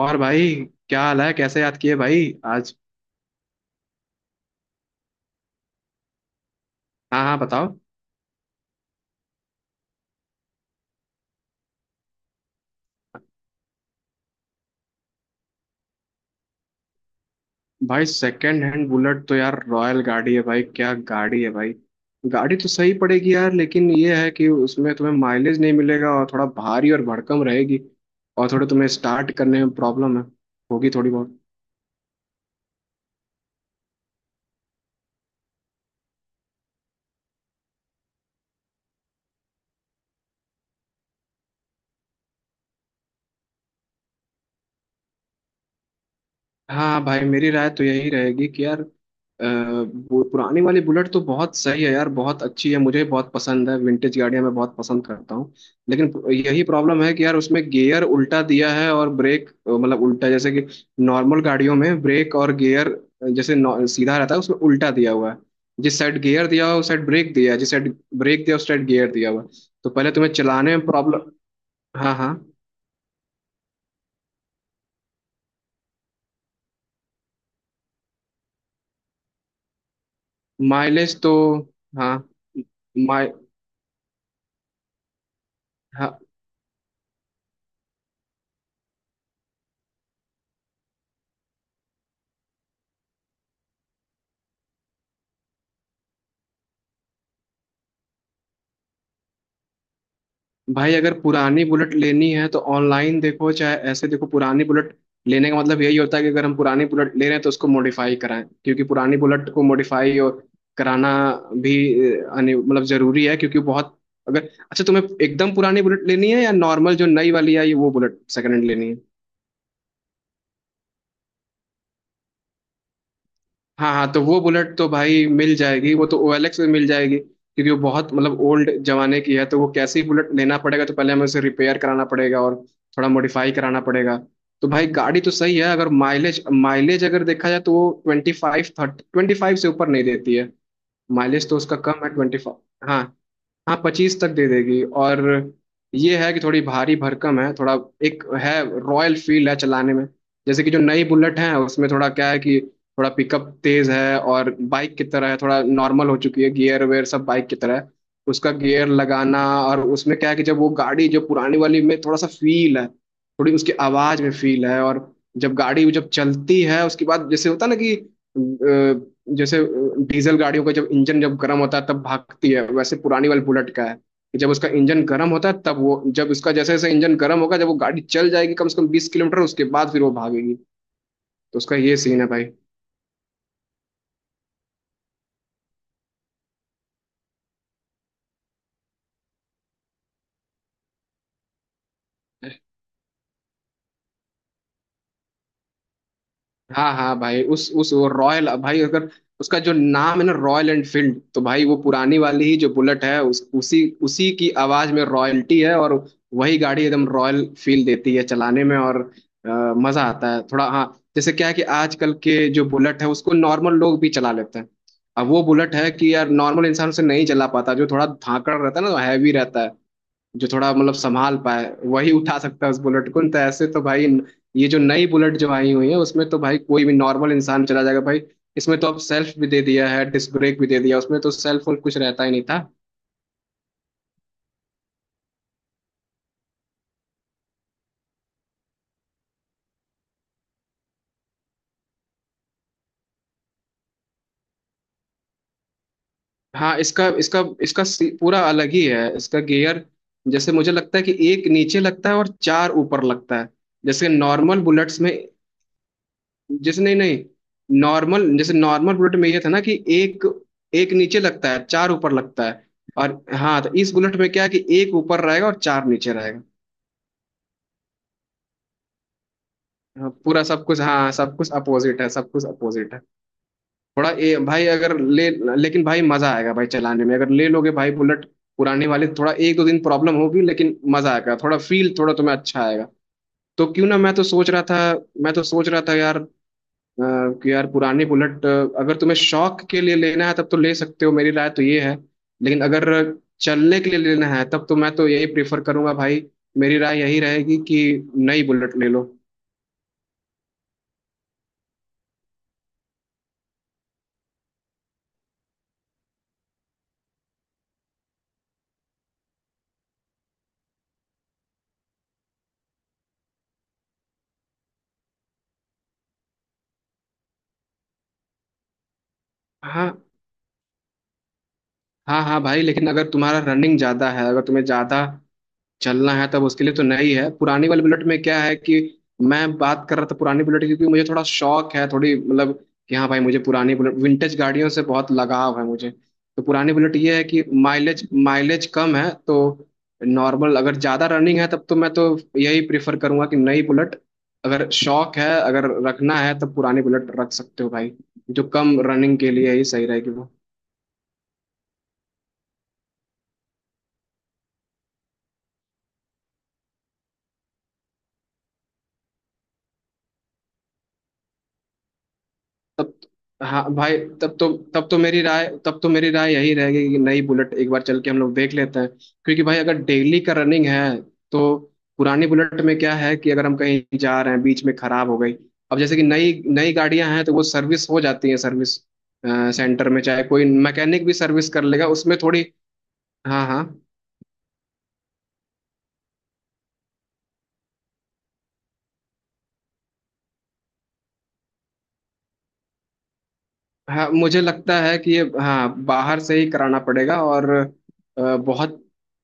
और भाई क्या हाल है। कैसे याद किए भाई आज। हाँ हाँ बताओ। भाई सेकंड हैंड बुलेट तो यार रॉयल गाड़ी है भाई। क्या गाड़ी है भाई। गाड़ी तो सही पड़ेगी यार, लेकिन ये है कि उसमें तुम्हें माइलेज नहीं मिलेगा और थोड़ा भारी और भड़कम रहेगी। और थोड़ा तुम्हें स्टार्ट करने में प्रॉब्लम है होगी थोड़ी बहुत। हाँ भाई, मेरी राय तो यही रहेगी कि यार अ, वो पुराने वाले बुलेट तो बहुत सही है यार, बहुत अच्छी है, मुझे बहुत पसंद है। विंटेज गाड़ियां मैं बहुत पसंद करता हूँ। लेकिन यही प्रॉब्लम है कि यार उसमें गियर उल्टा दिया है और ब्रेक मतलब उल्टा, जैसे कि नॉर्मल गाड़ियों में ब्रेक और गियर जैसे सीधा रहता है, उसमें उल्टा दिया हुआ है। जिस साइड गियर दिया हुआ है उस साइड ब्रेक दिया है, जिस साइड ब्रेक दिया उस साइड गियर दिया हुआ है। तो पहले तुम्हें चलाने में प्रॉब्लम। हाँ हाँ। माइलेज तो। हाँ। माइ भाई, अगर पुरानी बुलेट लेनी है तो ऑनलाइन देखो चाहे ऐसे देखो। पुरानी बुलेट लेने का मतलब यही होता है कि अगर हम पुरानी बुलेट ले रहे हैं तो उसको मॉडिफाई कराएं, क्योंकि पुरानी बुलेट को मॉडिफाई और कराना भी मतलब जरूरी है। क्योंकि बहुत। अगर अच्छा तुम्हें एकदम पुरानी बुलेट लेनी है या नॉर्मल जो नई वाली आई है वो बुलेट सेकंड हैंड लेनी है। हाँ हाँ, तो वो बुलेट तो भाई मिल जाएगी, वो तो OLX में मिल जाएगी, क्योंकि वो बहुत मतलब ओल्ड जमाने की है। तो वो कैसी बुलेट लेना पड़ेगा, तो पहले हमें उसे रिपेयर कराना पड़ेगा और थोड़ा मॉडिफाई कराना पड़ेगा। तो भाई गाड़ी तो सही है। अगर माइलेज माइलेज अगर देखा जाए तो वो 25 30, 25 से ऊपर नहीं देती है। माइलेज तो उसका कम है, 25। हाँ हाँ, 25 तक दे देगी। और ये है कि थोड़ी भारी भरकम है थोड़ा। एक है रॉयल फील है चलाने में। जैसे कि जो नई बुलेट है उसमें थोड़ा क्या है कि थोड़ा पिकअप तेज है और बाइक की तरह है, थोड़ा नॉर्मल हो चुकी है, गियर वेयर सब बाइक की तरह है, उसका गियर लगाना। और उसमें क्या है कि जब वो गाड़ी जो पुरानी वाली में थोड़ा सा फील है, थोड़ी उसकी आवाज में फील है। और जब गाड़ी जब चलती है उसके बाद जैसे होता है ना कि जैसे डीजल गाड़ियों का जब इंजन जब गर्म होता है तब भागती है, वैसे पुरानी वाली बुलेट का है कि जब उसका इंजन गर्म होता है तब वो, जब उसका जैसे जैसे इंजन गर्म होगा, जब वो गाड़ी चल जाएगी कम से कम 20 किलोमीटर, उसके बाद फिर वो भागेगी। तो उसका ये सीन है भाई। हाँ हाँ भाई, उस वो रॉयल। भाई अगर उसका जो नाम है ना रॉयल एनफील्ड, तो भाई वो पुरानी वाली ही जो बुलेट है उस, उसी उसी की आवाज में रॉयल्टी है। और वही गाड़ी एकदम रॉयल फील देती है चलाने में। और अ, मजा आता है थोड़ा, हाँ। जैसे क्या है कि आजकल के जो बुलेट है उसको नॉर्मल लोग भी चला लेते हैं, अब वो बुलेट है कि यार नॉर्मल इंसान उसे नहीं चला पाता, जो थोड़ा धाकड़ रहता है ना, हैवी रहता है। जो थोड़ा मतलब संभाल पाए वही उठा सकता है उस बुलेट को, नहीं तो। ऐसे तो भाई ये जो नई बुलेट जो आई हुई है उसमें तो भाई कोई भी नॉर्मल इंसान चला जाएगा भाई। इसमें तो अब सेल्फ भी दे दिया है, डिस्क ब्रेक भी दे दिया, उसमें तो सेल्फ और कुछ रहता ही नहीं था। हाँ, इसका इसका इसका पूरा अलग ही है इसका गियर। जैसे मुझे लगता है कि एक नीचे लगता है और चार ऊपर लगता है, जैसे नॉर्मल बुलेट्स में। जैसे नहीं नहीं, नॉर्मल जैसे, नॉर्मल बुलेट में ये था ना कि एक, नीचे लगता है, चार ऊपर लगता है। और हाँ, तो इस बुलेट में क्या है कि एक ऊपर रहेगा और चार नीचे रहेगा। हाँ, पूरा सब कुछ, हाँ सब कुछ अपोजिट है, सब कुछ अपोजिट है। थोड़ा भाई अगर ले, लेकिन भाई मजा आएगा भाई चलाने में अगर ले लोगे भाई बुलेट पुराने वाले। थोड़ा एक दो दिन प्रॉब्लम होगी लेकिन मजा आएगा, थोड़ा फील थोड़ा तुम्हें अच्छा आएगा। तो क्यों ना। मैं तो सोच रहा था यार अ, कि यार पुरानी बुलेट अगर तुम्हें शौक के लिए लेना है तब तो ले सकते हो। मेरी राय तो ये है। लेकिन अगर चलने के लिए लेना है तब तो मैं तो यही प्रेफर करूंगा भाई। मेरी राय यही रहेगी कि नई बुलेट ले लो। हाँ हाँ, हाँ भाई, लेकिन अगर तुम्हारा रनिंग ज्यादा है, अगर तुम्हें ज्यादा चलना है तब उसके लिए तो नई है। पुरानी वाली बुलेट में क्या है कि, मैं बात कर रहा था पुरानी बुलेट की, क्योंकि मुझे थोड़ा शौक है, थोड़ी मतलब, कि हाँ भाई मुझे पुरानी बुलेट, विंटेज गाड़ियों से बहुत लगाव है मुझे। तो पुरानी बुलेट ये है कि माइलेज माइलेज कम है, तो नॉर्मल अगर ज़्यादा रनिंग है तब तो मैं तो यही प्रेफर करूंगा कि नई बुलेट। अगर शौक है, अगर रखना है तब पुरानी बुलेट रख सकते हो भाई, जो कम रनिंग के लिए ही सही रहेगी वो। तब तो, हाँ भाई, तब तो तब तो मेरी राय, तब तो मेरी राय यही रहेगी कि नई बुलेट एक बार चल के हम लोग देख लेते हैं। क्योंकि भाई अगर डेली का रनिंग है तो पुरानी बुलेट में क्या है कि अगर हम कहीं जा रहे हैं, बीच में खराब हो गई। अब जैसे कि नई नई गाड़ियां हैं तो वो सर्विस हो जाती है, सर्विस सेंटर में, चाहे कोई मैकेनिक भी सर्विस कर लेगा उसमें, थोड़ी। हाँ हाँ, हाँ मुझे लगता है कि ये, हाँ बाहर से ही कराना पड़ेगा। और बहुत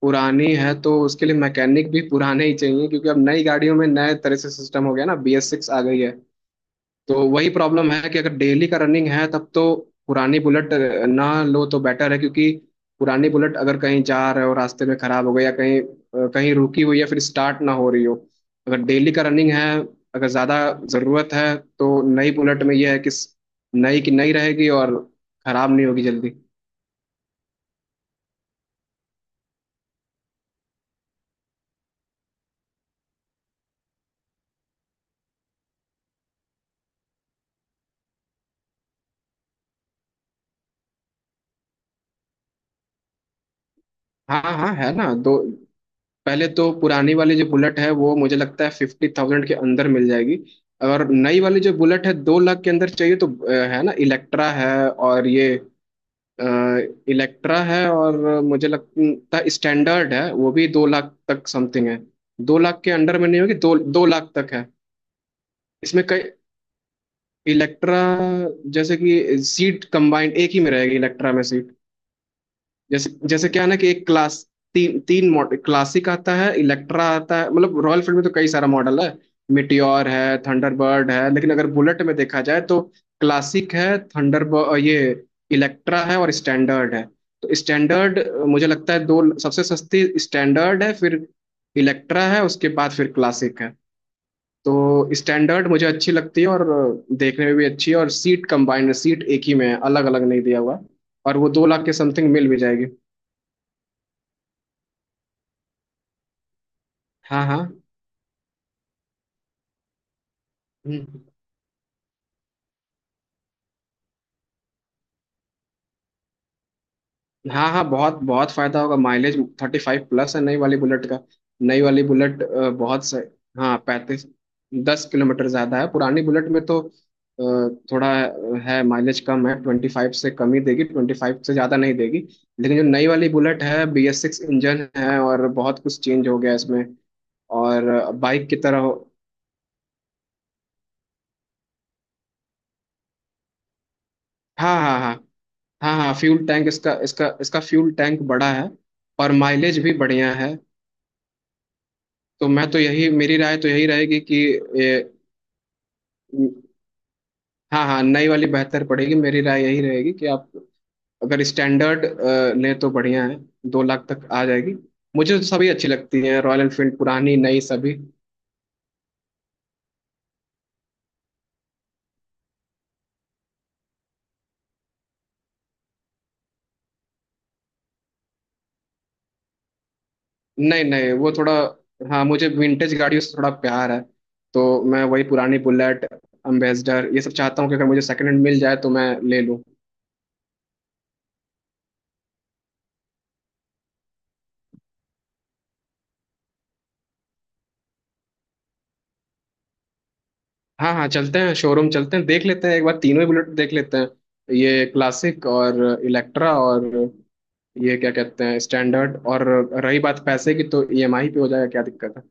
पुरानी है तो उसके लिए मैकेनिक भी पुराने ही चाहिए, क्योंकि अब नई गाड़ियों में नए तरह से सिस्टम हो गया ना, BS6 आ गई है। तो वही प्रॉब्लम है कि अगर डेली का रनिंग है तब तो पुरानी बुलेट ना लो तो बेटर है। क्योंकि पुरानी बुलेट अगर कहीं जा रहे हो रास्ते में खराब हो गई या कहीं कहीं रुकी हुई है फिर स्टार्ट ना हो रही हो, अगर डेली का रनिंग है, अगर ज़्यादा ज़रूरत है तो नई बुलेट में यह है कि नई की नई रहेगी और खराब नहीं होगी जल्दी। हाँ हाँ, है ना। दो, पहले तो पुरानी वाली जो बुलेट है वो मुझे लगता है 50,000 के अंदर मिल जाएगी। और नई वाली जो बुलेट है 2 लाख के अंदर चाहिए तो है ना, इलेक्ट्रा है। और ये इलेक्ट्रा है, और मुझे लगता है स्टैंडर्ड है, वो भी 2 लाख तक समथिंग है। दो लाख के अंडर में नहीं होगी, दो 2 लाख तक है। इसमें कई। इलेक्ट्रा जैसे कि सीट कंबाइंड एक ही में रहेगी, इलेक्ट्रा में सीट। जैसे जैसे क्या है ना कि एक क्लास, तीन 3 मॉडल, क्लासिक आता है, इलेक्ट्रा आता है, मतलब रॉयल फील्ड में तो कई सारा मॉडल है। मिटियोर है, थंडरबर्ड है, लेकिन अगर बुलेट में देखा जाए तो क्लासिक है, थंडरबर्ड, ये इलेक्ट्रा है, और स्टैंडर्ड है। तो स्टैंडर्ड, मुझे लगता है दो, सबसे सस्ती स्टैंडर्ड है, फिर इलेक्ट्रा है, उसके बाद फिर क्लासिक है। तो स्टैंडर्ड मुझे अच्छी लगती है, और देखने में भी अच्छी है, और सीट कंबाइंड है, सीट एक ही में है, अलग अलग नहीं दिया हुआ। और वो 2 लाख के समथिंग मिल भी जाएगी। हाँ हाँ। हम्म, हाँ हाँ, बहुत बहुत फायदा होगा माइलेज। 35 प्लस है नई वाली बुलेट का। नई वाली बुलेट बहुत सही। हाँ 35, 10 किलोमीटर ज्यादा है पुरानी बुलेट में, तो थोड़ा है माइलेज, कम है ट्वेंटी फाइव से, कम ही देगी, 25 से ज्यादा नहीं देगी। लेकिन जो नई वाली बुलेट है BS6 इंजन है और बहुत कुछ चेंज हो गया इसमें। और बाइक की तरह हो- हाँ हाँ हाँ, हाँ हाँ फ्यूल टैंक, इसका इसका इसका फ्यूल टैंक बड़ा है, और माइलेज भी बढ़िया है। तो मैं तो यही, मेरी राय तो यही रहेगी कि ए, हाँ हाँ, नई वाली बेहतर पड़ेगी। मेरी राय यही रहेगी कि आप अगर स्टैंडर्ड लें तो बढ़िया है, 2 लाख तक आ जाएगी। मुझे तो सभी अच्छी लगती हैं रॉयल एनफील्ड, पुरानी नई सभी। नहीं नहीं, वो थोड़ा, हाँ मुझे विंटेज गाड़ियों से थोड़ा प्यार है। तो मैं वही पुरानी बुलेट, अम्बेसडर, ये सब चाहता हूँ कि अगर मुझे सेकंड हैंड मिल जाए तो मैं ले लूँ। हाँ हाँ, चलते हैं शोरूम, चलते हैं देख लेते हैं एक बार, तीनों ही बुलेट देख लेते हैं, ये क्लासिक और इलेक्ट्रा और ये क्या कहते हैं, स्टैंडर्ड। और रही बात पैसे की तो ईएमआई पे हो जाएगा, क्या दिक्कत है।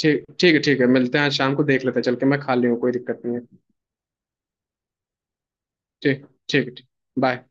ठीक ठीक है ठीक है, मिलते हैं आज शाम को, देख लेते हैं चल के, मैं खाली हूँ कोई दिक्कत नहीं है। ठीक ठीक ठीक। बाय।